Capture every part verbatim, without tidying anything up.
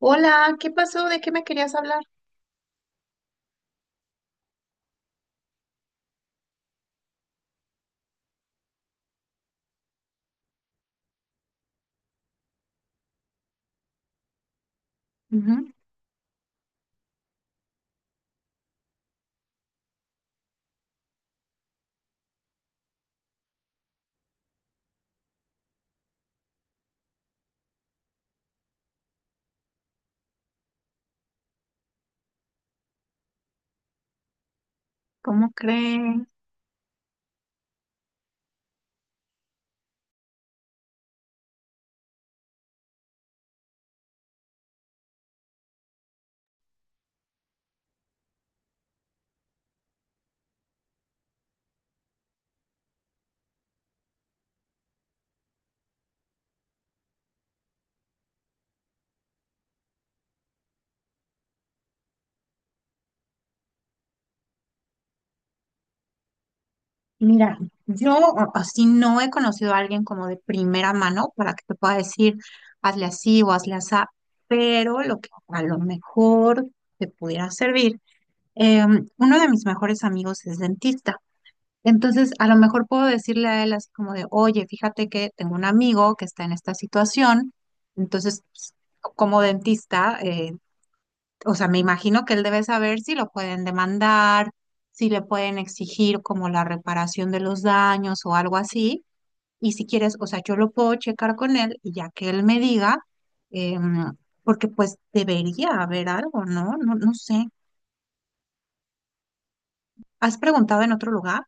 Hola, ¿qué pasó? ¿De qué me querías hablar? Ujú. ¿Cómo creen? Mira, yo a- así no he conocido a alguien como de primera mano para que te pueda decir, hazle así o hazle así, pero lo que a lo mejor te pudiera servir, em, uno de mis mejores amigos es dentista, entonces a lo mejor puedo decirle a él así como de, oye, fíjate que tengo un amigo que está en esta situación, entonces pues, como dentista, eh, o sea, me imagino que él debe saber si lo pueden demandar, si le pueden exigir como la reparación de los daños o algo así. Y si quieres, o sea, yo lo puedo checar con él y ya que él me diga, em, porque pues debería haber algo, ¿no? No, no sé. ¿Has preguntado en otro lugar?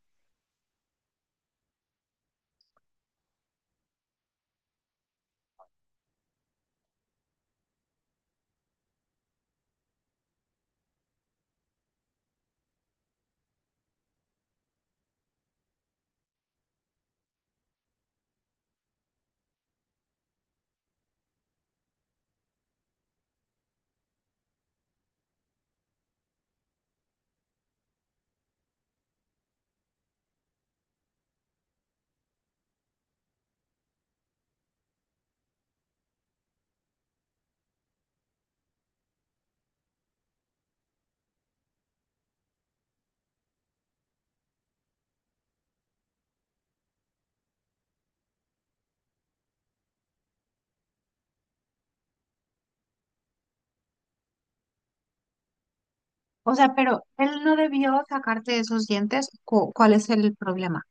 O sea, pero él no debió sacarte esos dientes. ¿Cu- ¿Cuál es el problema?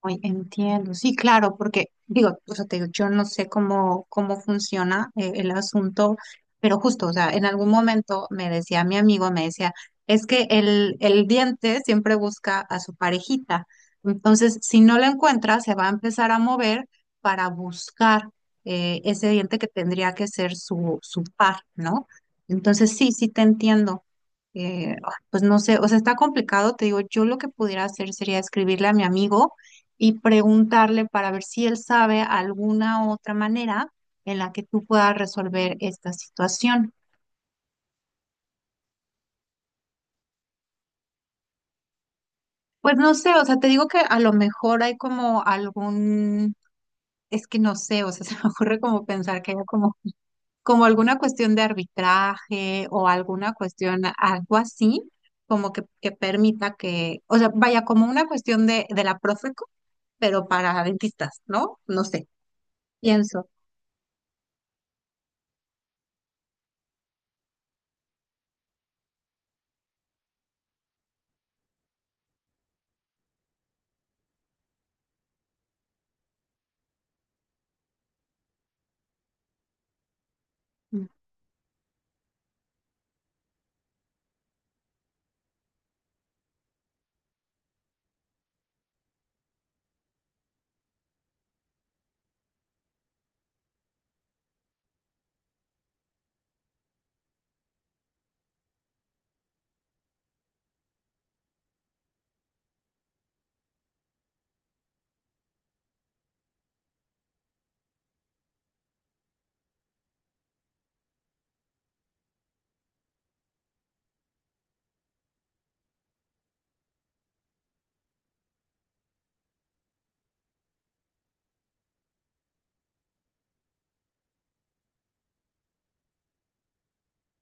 Hoy entiendo, sí, claro, porque digo, o sea, te digo, yo no sé cómo, cómo funciona eh, el asunto, pero justo, o sea, en algún momento me decía mi amigo, me decía, es que el, el diente siempre busca a su parejita, entonces si no la encuentra, se va a empezar a mover para buscar eh, ese diente que tendría que ser su, su par, ¿no? Entonces sí, sí te entiendo. Eh, ah, pues no sé, o sea, está complicado, te digo, yo lo que pudiera hacer sería escribirle a mi amigo y preguntarle para ver si él sabe alguna otra manera en la que tú puedas resolver esta situación. Pues no sé, o sea, te digo que a lo mejor hay como algún, es que no sé, o sea, se me ocurre como pensar que hay como, como alguna cuestión de arbitraje o alguna cuestión, algo así, como que, que permita que, o sea, vaya como una cuestión de, de la Profeco, pero para dentistas, ¿no? No sé, pienso.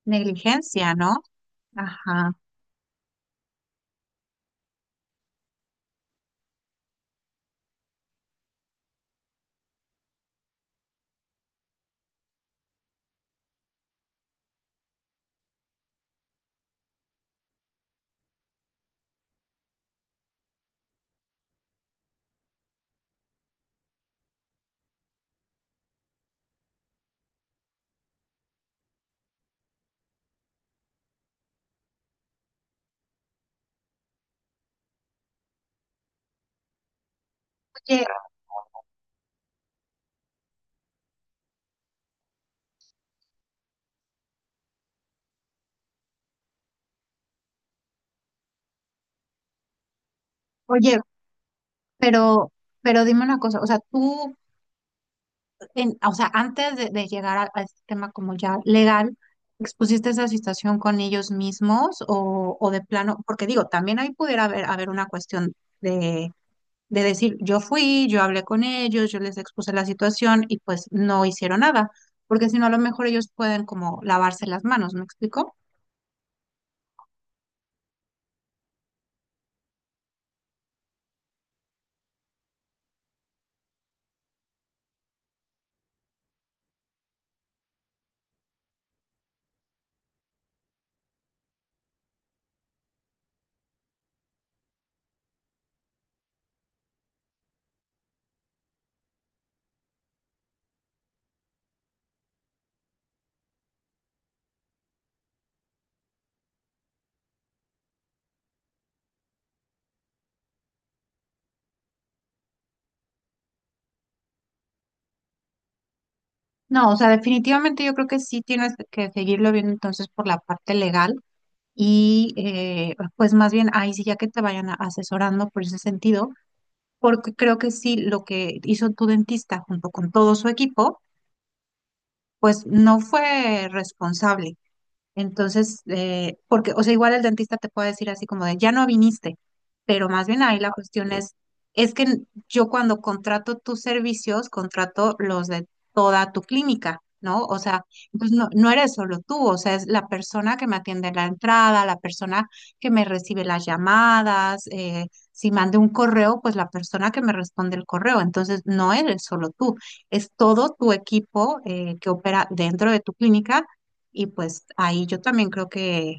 Negligencia, ¿no? Ajá. Oye, oye, Pero, pero dime una cosa, o sea, tú, en- o sea, antes de, de llegar a, a este tema como ya legal, ¿expusiste esa situación con ellos mismos o, o de plano? Porque digo, también ahí pudiera haber, haber una cuestión de, de decir, yo fui, yo hablé con ellos, yo les expuse la situación y pues no hicieron nada, porque si no, a lo mejor ellos pueden como lavarse las manos, ¿me explico? No, o sea, definitivamente yo creo que sí tienes que seguirlo viendo entonces por la parte legal. Y eh, pues más bien ahí sí ya que te vayan a- asesorando por ese sentido, porque creo que sí lo que hizo tu dentista junto con todo su equipo, pues no fue responsable. Entonces, eh, porque, o sea, igual el dentista te puede decir así como de, ya no viniste, pero más bien ahí la cuestión es, es que n- yo cuando contrato tus servicios, contrato los de toda tu clínica, ¿no? O sea, pues no, no eres solo tú, o sea, es la persona que me atiende en la entrada, la persona que me recibe las llamadas, eh, si mandé un correo, pues la persona que me responde el correo. Entonces, no eres solo tú, es todo tu equipo eh, que opera dentro de tu clínica y pues ahí yo también creo que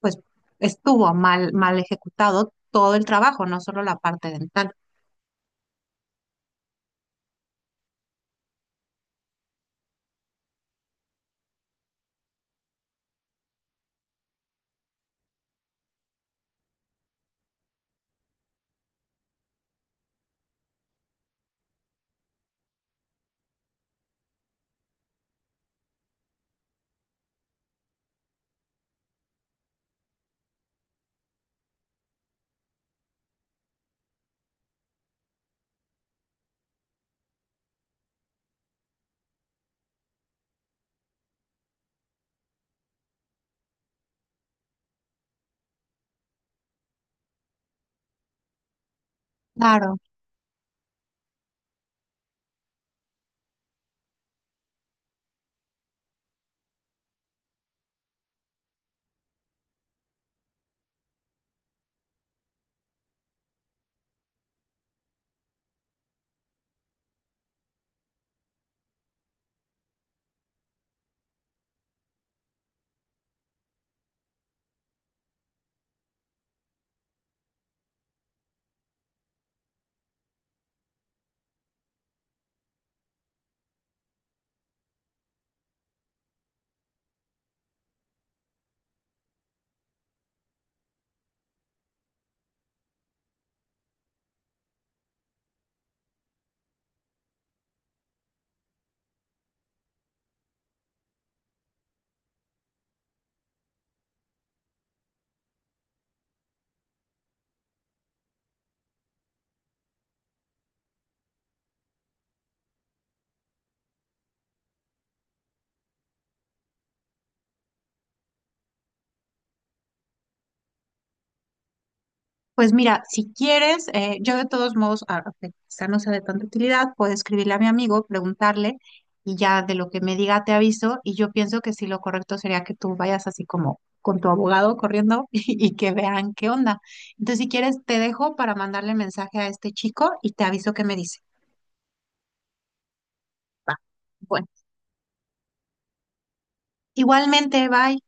pues estuvo mal, mal ejecutado todo el trabajo, no solo la parte dental. Claro. Pues mira, si quieres, eh, yo de todos modos, a- a- que quizá no sea de tanta utilidad, puedo escribirle a mi amigo, preguntarle y ya de lo que me diga te aviso y yo pienso que sí lo correcto sería que tú vayas así como con tu abogado corriendo y, y que vean qué onda. Entonces, si quieres, te dejo para mandarle mensaje a este chico y te aviso qué me dice. Va. Bueno, igualmente, bye.